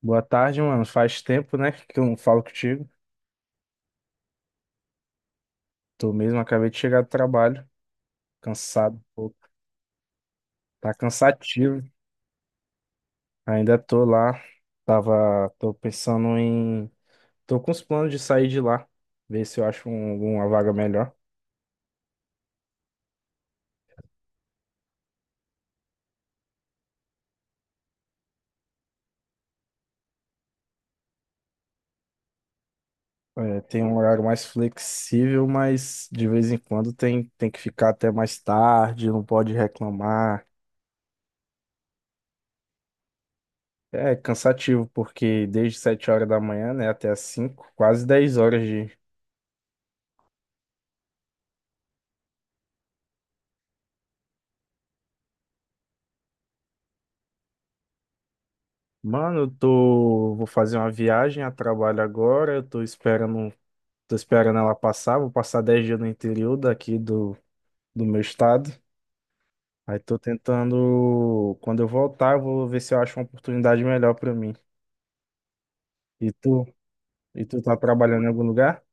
Boa tarde, mano. Faz tempo, né, que eu não falo contigo. Tô mesmo, acabei de chegar do trabalho, cansado um pouco. Tá cansativo. Ainda tô lá. Tô pensando em, tô com os planos de sair de lá, ver se eu acho alguma vaga melhor. É, tem um horário mais flexível, mas de vez em quando tem que ficar até mais tarde, não pode reclamar. É cansativo, porque desde 7h da manhã, né, até as 5h, quase 10h. Mano, vou fazer uma viagem a trabalho agora. Eu tô esperando ela passar. Vou passar 10 dias no interior daqui do meu estado. Aí tô tentando, quando eu voltar, eu vou ver se eu acho uma oportunidade melhor pra mim. E tu, e tu tá trabalhando em algum lugar?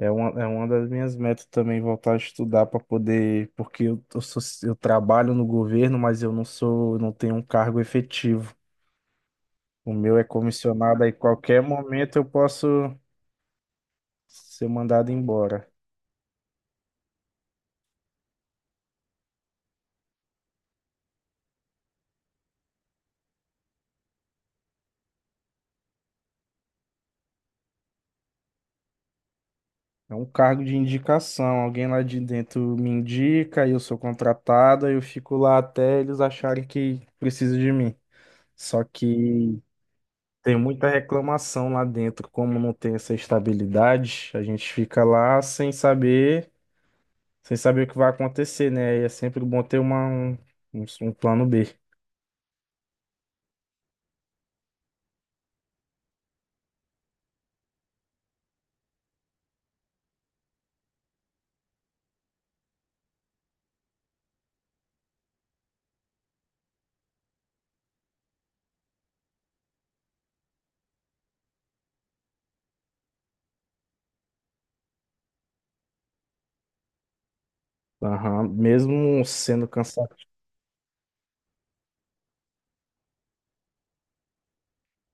É uma das minhas metas também voltar a estudar para poder, porque eu trabalho no governo, mas eu não sou, não tenho um cargo efetivo. O meu é comissionado, aí qualquer momento eu posso ser mandado embora. É um cargo de indicação. Alguém lá de dentro me indica, eu sou contratado, eu fico lá até eles acharem que precisa de mim. Só que tem muita reclamação lá dentro, como não tem essa estabilidade, a gente fica lá sem saber, sem saber o que vai acontecer, né? E é sempre bom ter um plano B. Aham. Mesmo sendo cansativo.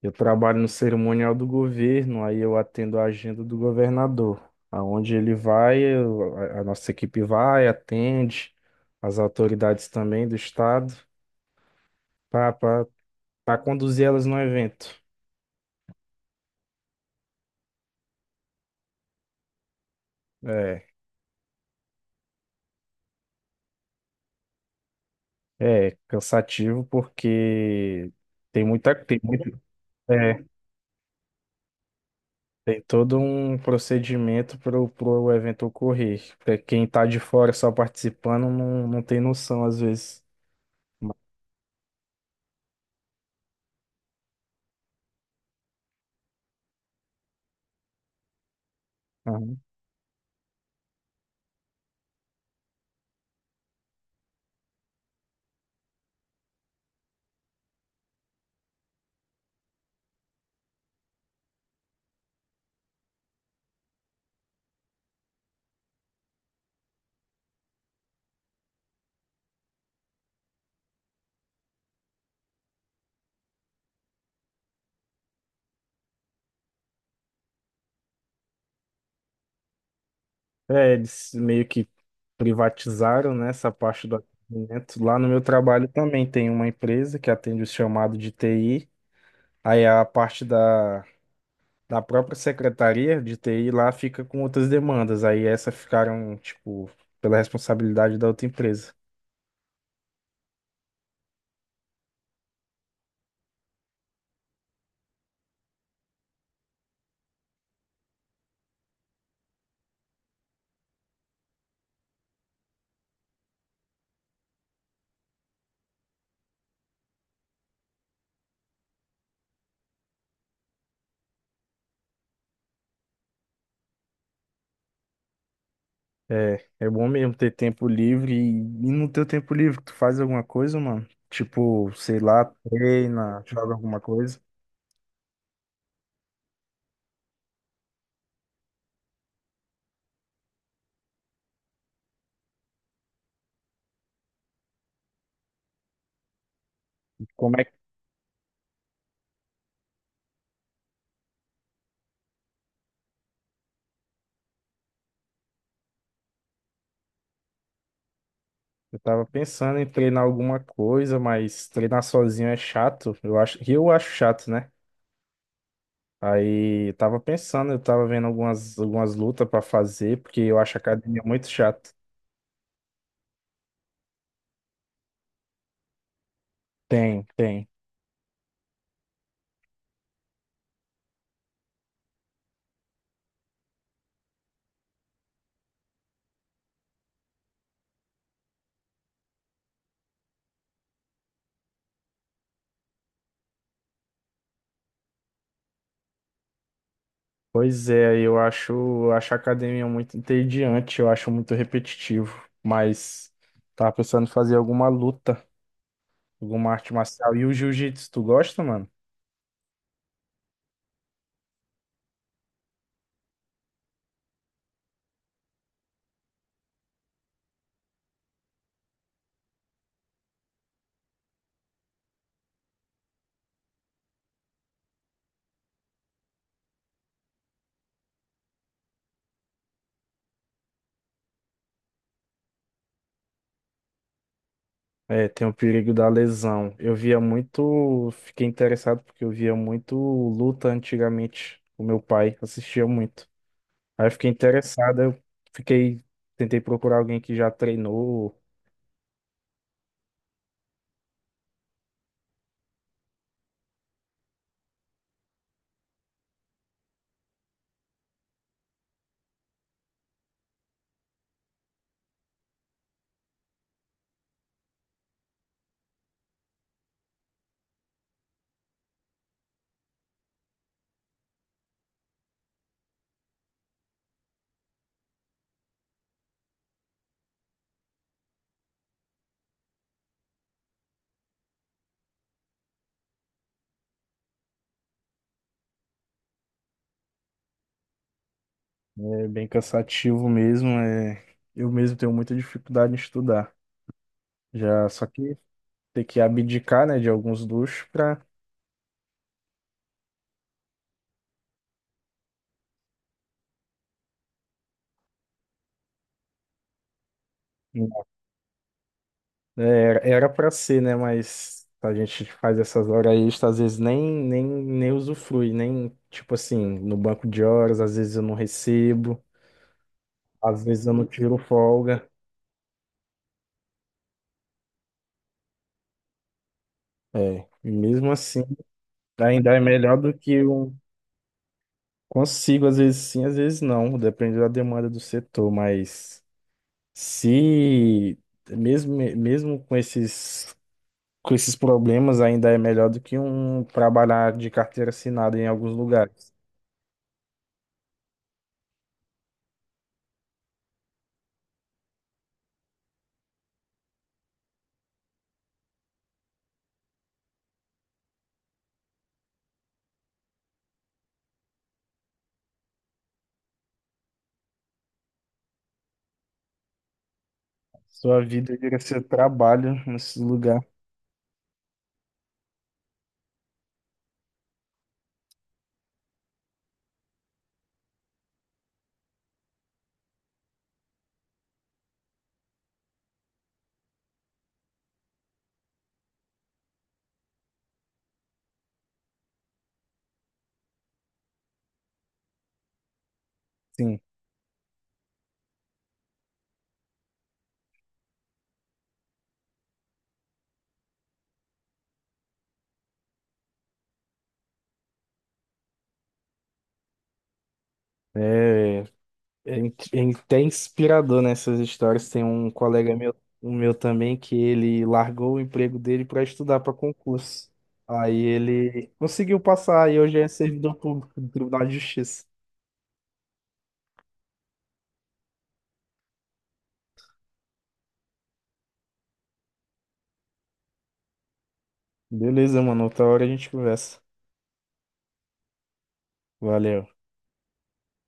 Eu trabalho no cerimonial do governo, aí eu atendo a agenda do governador. Aonde ele vai, a nossa equipe vai, atende, as autoridades também do estado, para conduzir elas no evento. É, é cansativo porque tem muita, tem muito, é, tem todo um procedimento para o evento ocorrer. Pra quem está de fora só participando não tem noção às vezes. Aham. É, eles meio que privatizaram, né, essa parte do atendimento. Lá no meu trabalho também tem uma empresa que atende o chamado de TI. Aí a parte da própria secretaria de TI lá fica com outras demandas. Aí essa ficaram, tipo, pela responsabilidade da outra empresa. É bom mesmo ter tempo livre e no teu tempo livre tu faz alguma coisa, mano? Tipo, sei lá, treina, joga alguma coisa. Como é Eu tava pensando em treinar alguma coisa, mas treinar sozinho é chato. Eu acho chato, né? Aí eu tava vendo algumas lutas pra fazer, porque eu acho a academia muito chato. Tem, tem. Pois é, eu acho a academia muito entediante, eu acho muito repetitivo. Mas tava pensando em fazer alguma luta, alguma arte marcial. E o jiu-jitsu, tu gosta, mano? É, tem o perigo da lesão. Eu via muito, fiquei interessado porque eu via muito luta antigamente. O meu pai assistia muito. Aí eu fiquei interessado, eu fiquei, tentei procurar alguém que já treinou. É bem cansativo mesmo, é, eu mesmo tenho muita dificuldade em estudar. Já, só que ter que abdicar, né, de alguns luxos para. É, era para ser, né? Mas a gente faz essas horas extras, às vezes nem usufrui, nem, tipo assim, no banco de horas, às vezes eu não recebo, às vezes eu não tiro folga. É, e mesmo assim, ainda é melhor do que eu consigo, às vezes sim, às vezes não, depende da demanda do setor, mas se, mesmo com esses problemas, ainda é melhor do que um trabalhar de carteira assinada em alguns lugares. Sua vida vira seu trabalho nesse lugar. Sim, é, é até inspirador nessas histórias. Tem um colega meu, um meu também que ele largou o emprego dele para estudar para concurso. Aí ele conseguiu passar e hoje é servidor público do Tribunal de Justiça. Beleza, mano. Outra hora a gente conversa. Valeu.